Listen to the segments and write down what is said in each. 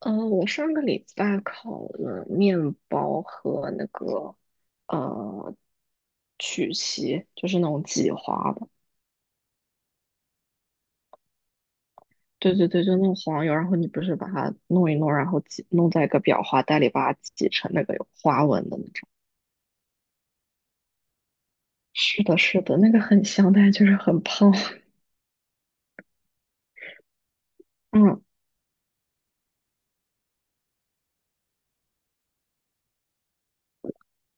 我上个礼拜烤了面包和那个呃曲奇，就是那种挤花的。对对对，就那种黄油，然后你不是把它弄一弄，然后挤弄在一个裱花袋里，把它挤成那个有花纹的那种。是的，是的，那个很香，但是就是很胖。嗯，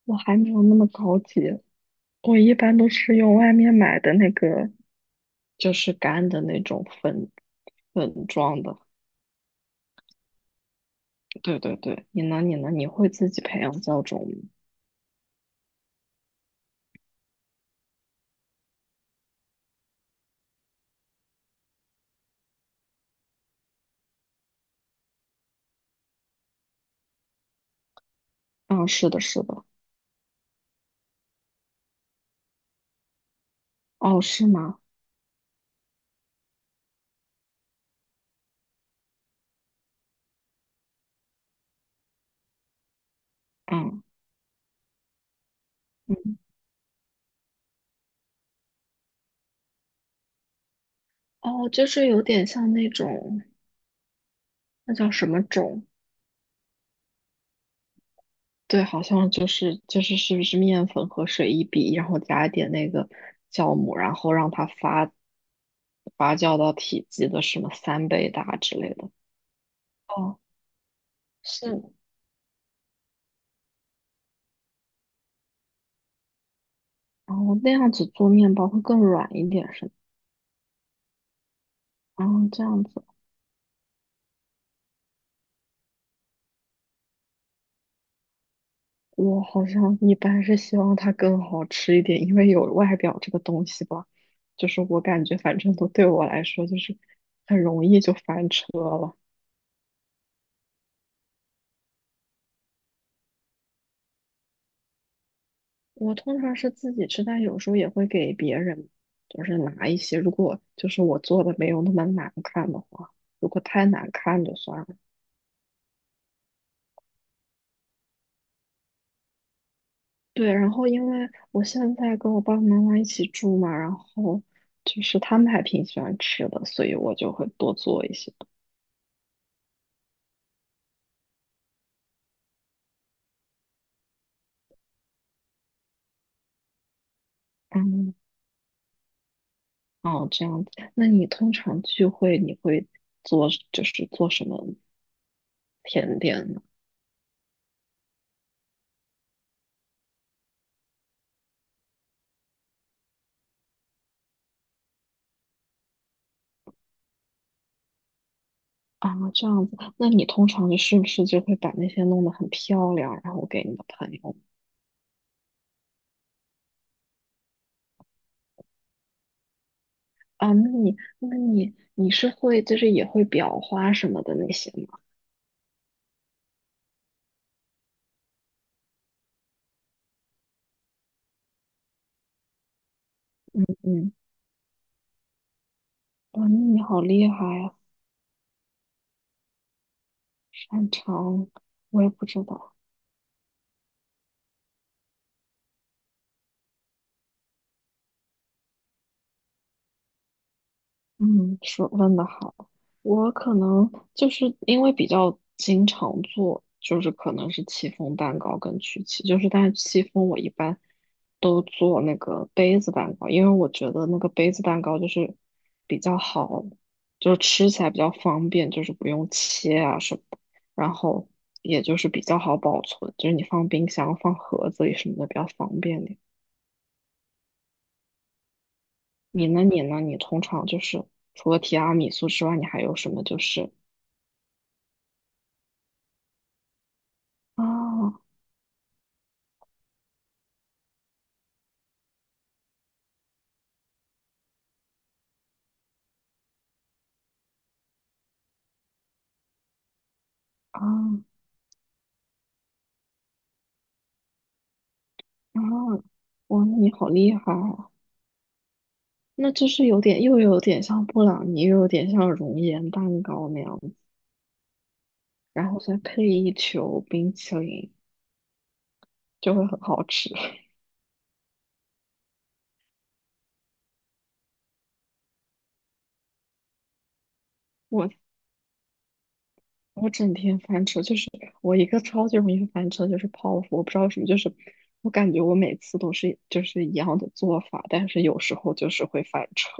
我还没有那么高级，我一般都是用外面买的那个，就是干的那种粉状的。对对对，你呢？你会自己培养教种吗？嗯，是的，是的。哦，是吗？嗯嗯，哦，就是有点像那种，那叫什么种？对，好像就是是不是面粉和水一比，然后加一点那个酵母，然后让它发酵到体积的什么三倍大之类的。哦，是，然后那样子做面包会更软一点，是吗？哦，这样子。我好像一般是希望它更好吃一点，因为有外表这个东西吧，就是我感觉反正都对我来说就是很容易就翻车了。我通常是自己吃，但有时候也会给别人，就是拿一些，如果就是我做的没有那么难看的话，如果太难看就算了。对，然后因为我现在跟我爸爸妈妈一起住嘛，然后就是他们还挺喜欢吃的，所以我就会多做一些。嗯，哦，这样子。那你通常聚会你会做，就是做什么甜点呢？啊，这样子。那你通常不是就会把那些弄得很漂亮，然后给你的朋友？啊，那你你是会就是也会裱花什么的那些吗？嗯，哇，那你好厉害啊，擅长，我也不知道。嗯，说问的好，我可能就是因为比较经常做，就是可能是戚风蛋糕跟曲奇，就是但是戚风我一般都做那个杯子蛋糕，因为我觉得那个杯子蛋糕就是比较好，就是吃起来比较方便，就是不用切啊什么的，然后也就是比较好保存，就是你放冰箱、放盒子里什么的比较方便点。你呢？你通常就是除了提拉米苏之外，你还有什么就是？啊啊啊！哇，你好厉害啊！那就是有点，又有点像布朗尼，又有点像熔岩蛋糕那样子，然后再配一球冰淇淋，就会很好吃。我我整天翻车，就是我一个超级容易翻车，就是泡芙。我不知道为什么，就是我感觉我每次都是就是一样的做法，但是有时候就是会翻车。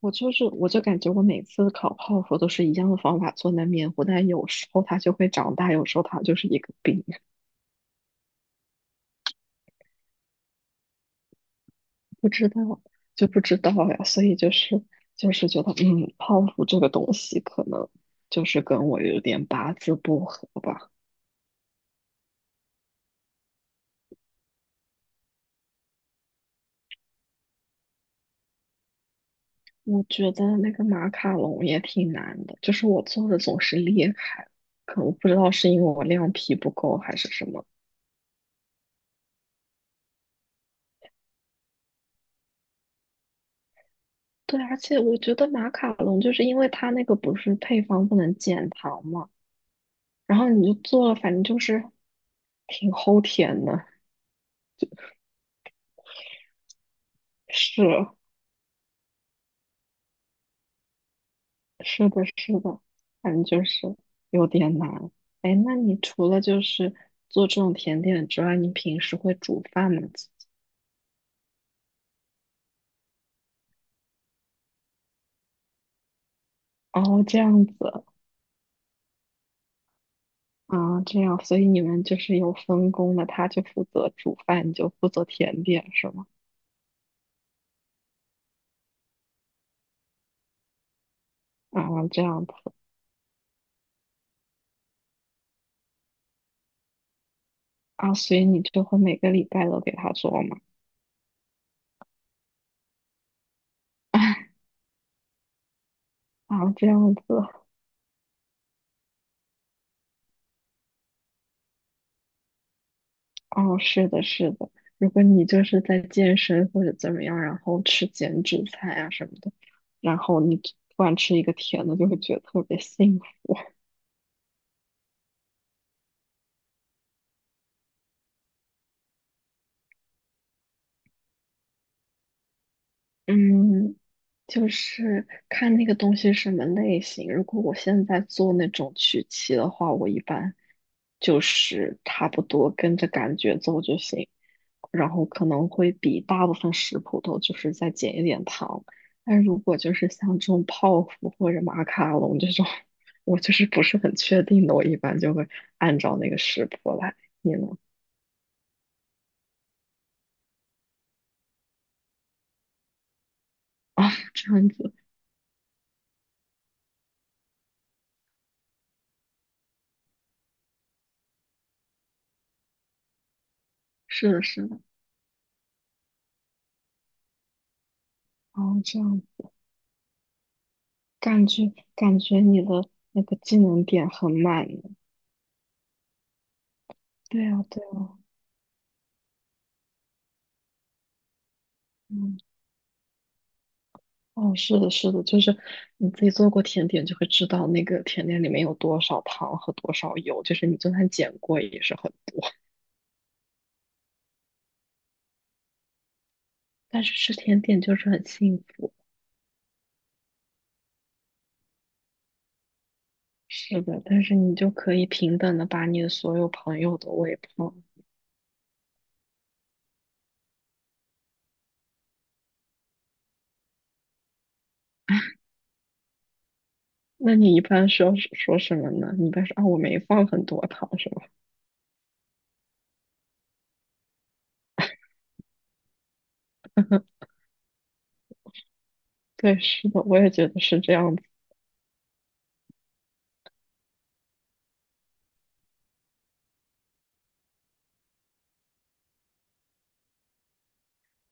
我就感觉我每次烤泡芙都是一样的方法做那面糊，但有时候它就会长大，有时候它就是一个饼，不知道就不知道呀。所以就是觉得，嗯，泡芙这个东西可能就是跟我有点八字不合吧。我觉得那个马卡龙也挺难的，就是我做的总是裂开，可我不知道是因为我量皮不够还是什么。对，而且我觉得马卡龙就是因为它那个不是配方不能减糖嘛。然后你就做了，反正就是挺齁甜的。是是的，是的，反正就是有点难。哎，那你除了就是做这种甜点之外，你平时会煮饭吗？自己哦，这样子啊，这样，所以你们就是有分工的，他就负责煮饭，你就负责甜点，是吗？啊，这样子啊，所以你就会每个礼拜都给他做吗？啊，这样子，哦，是的，是的。如果你就是在健身或者怎么样，然后吃减脂菜啊什么的，然后你突然吃一个甜的，就会觉得特别幸福。嗯，就是看那个东西是什么类型。如果我现在做那种曲奇的话，我一般就是差不多跟着感觉做就行，然后可能会比大部分食谱都就是再减一点糖。但如果就是像这种泡芙或者马卡龙这种，我就是不是很确定的，我一般就会按照那个食谱来。你呢？啊，这样子，是的，是的，哦，这样。感觉你的那个技能点很满呢。对啊，对啊，嗯，哦，是的，是的，就是你自己做过甜点就会知道那个甜点里面有多少糖和多少油，就是你就算减过也是很多。但是吃甜点就是很幸福。是的，但是你就可以平等的把你的所有朋友都喂胖。那你一般说什么呢？你一般说啊，我没放很多糖，是吗？对，是的，我也觉得是这样的。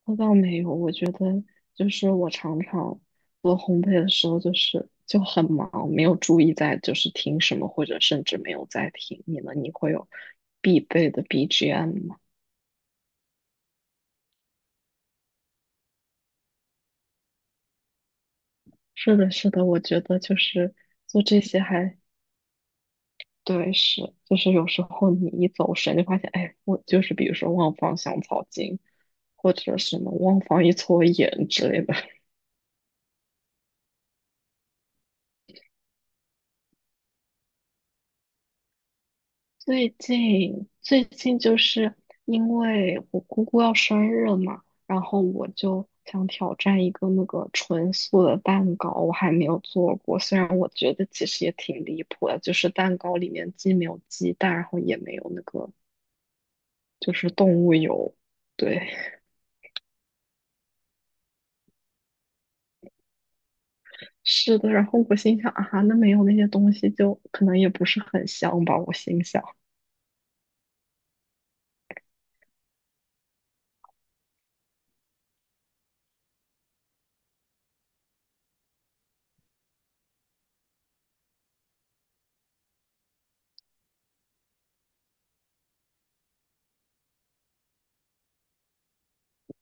那倒没有，我觉得就是我常常做烘焙的时候，就是就很忙，没有注意在就是听什么，或者甚至没有在听你们你会有必备的 BGM 吗？是的，是的，我觉得就是做这些还对，是就是有时候你一走神就发现，哎，我就是比如说忘放香草精，或者什么忘放一撮盐之类的，最近就是因为我姑姑要生日了嘛，然后我就想挑战一个那个纯素的蛋糕，我还没有做过。虽然我觉得其实也挺离谱的，就是蛋糕里面既没有鸡蛋，然后也没有那个就是动物油。对，是的。然后我心想啊，那没有那些东西就可能也不是很香吧，我心想。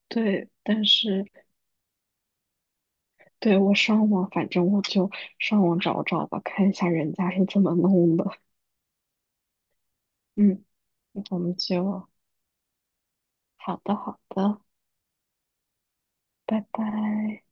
对，但是对，我上网，反正我就上网找找吧，看一下人家是怎么弄的。嗯，我们就好的，好的，拜拜。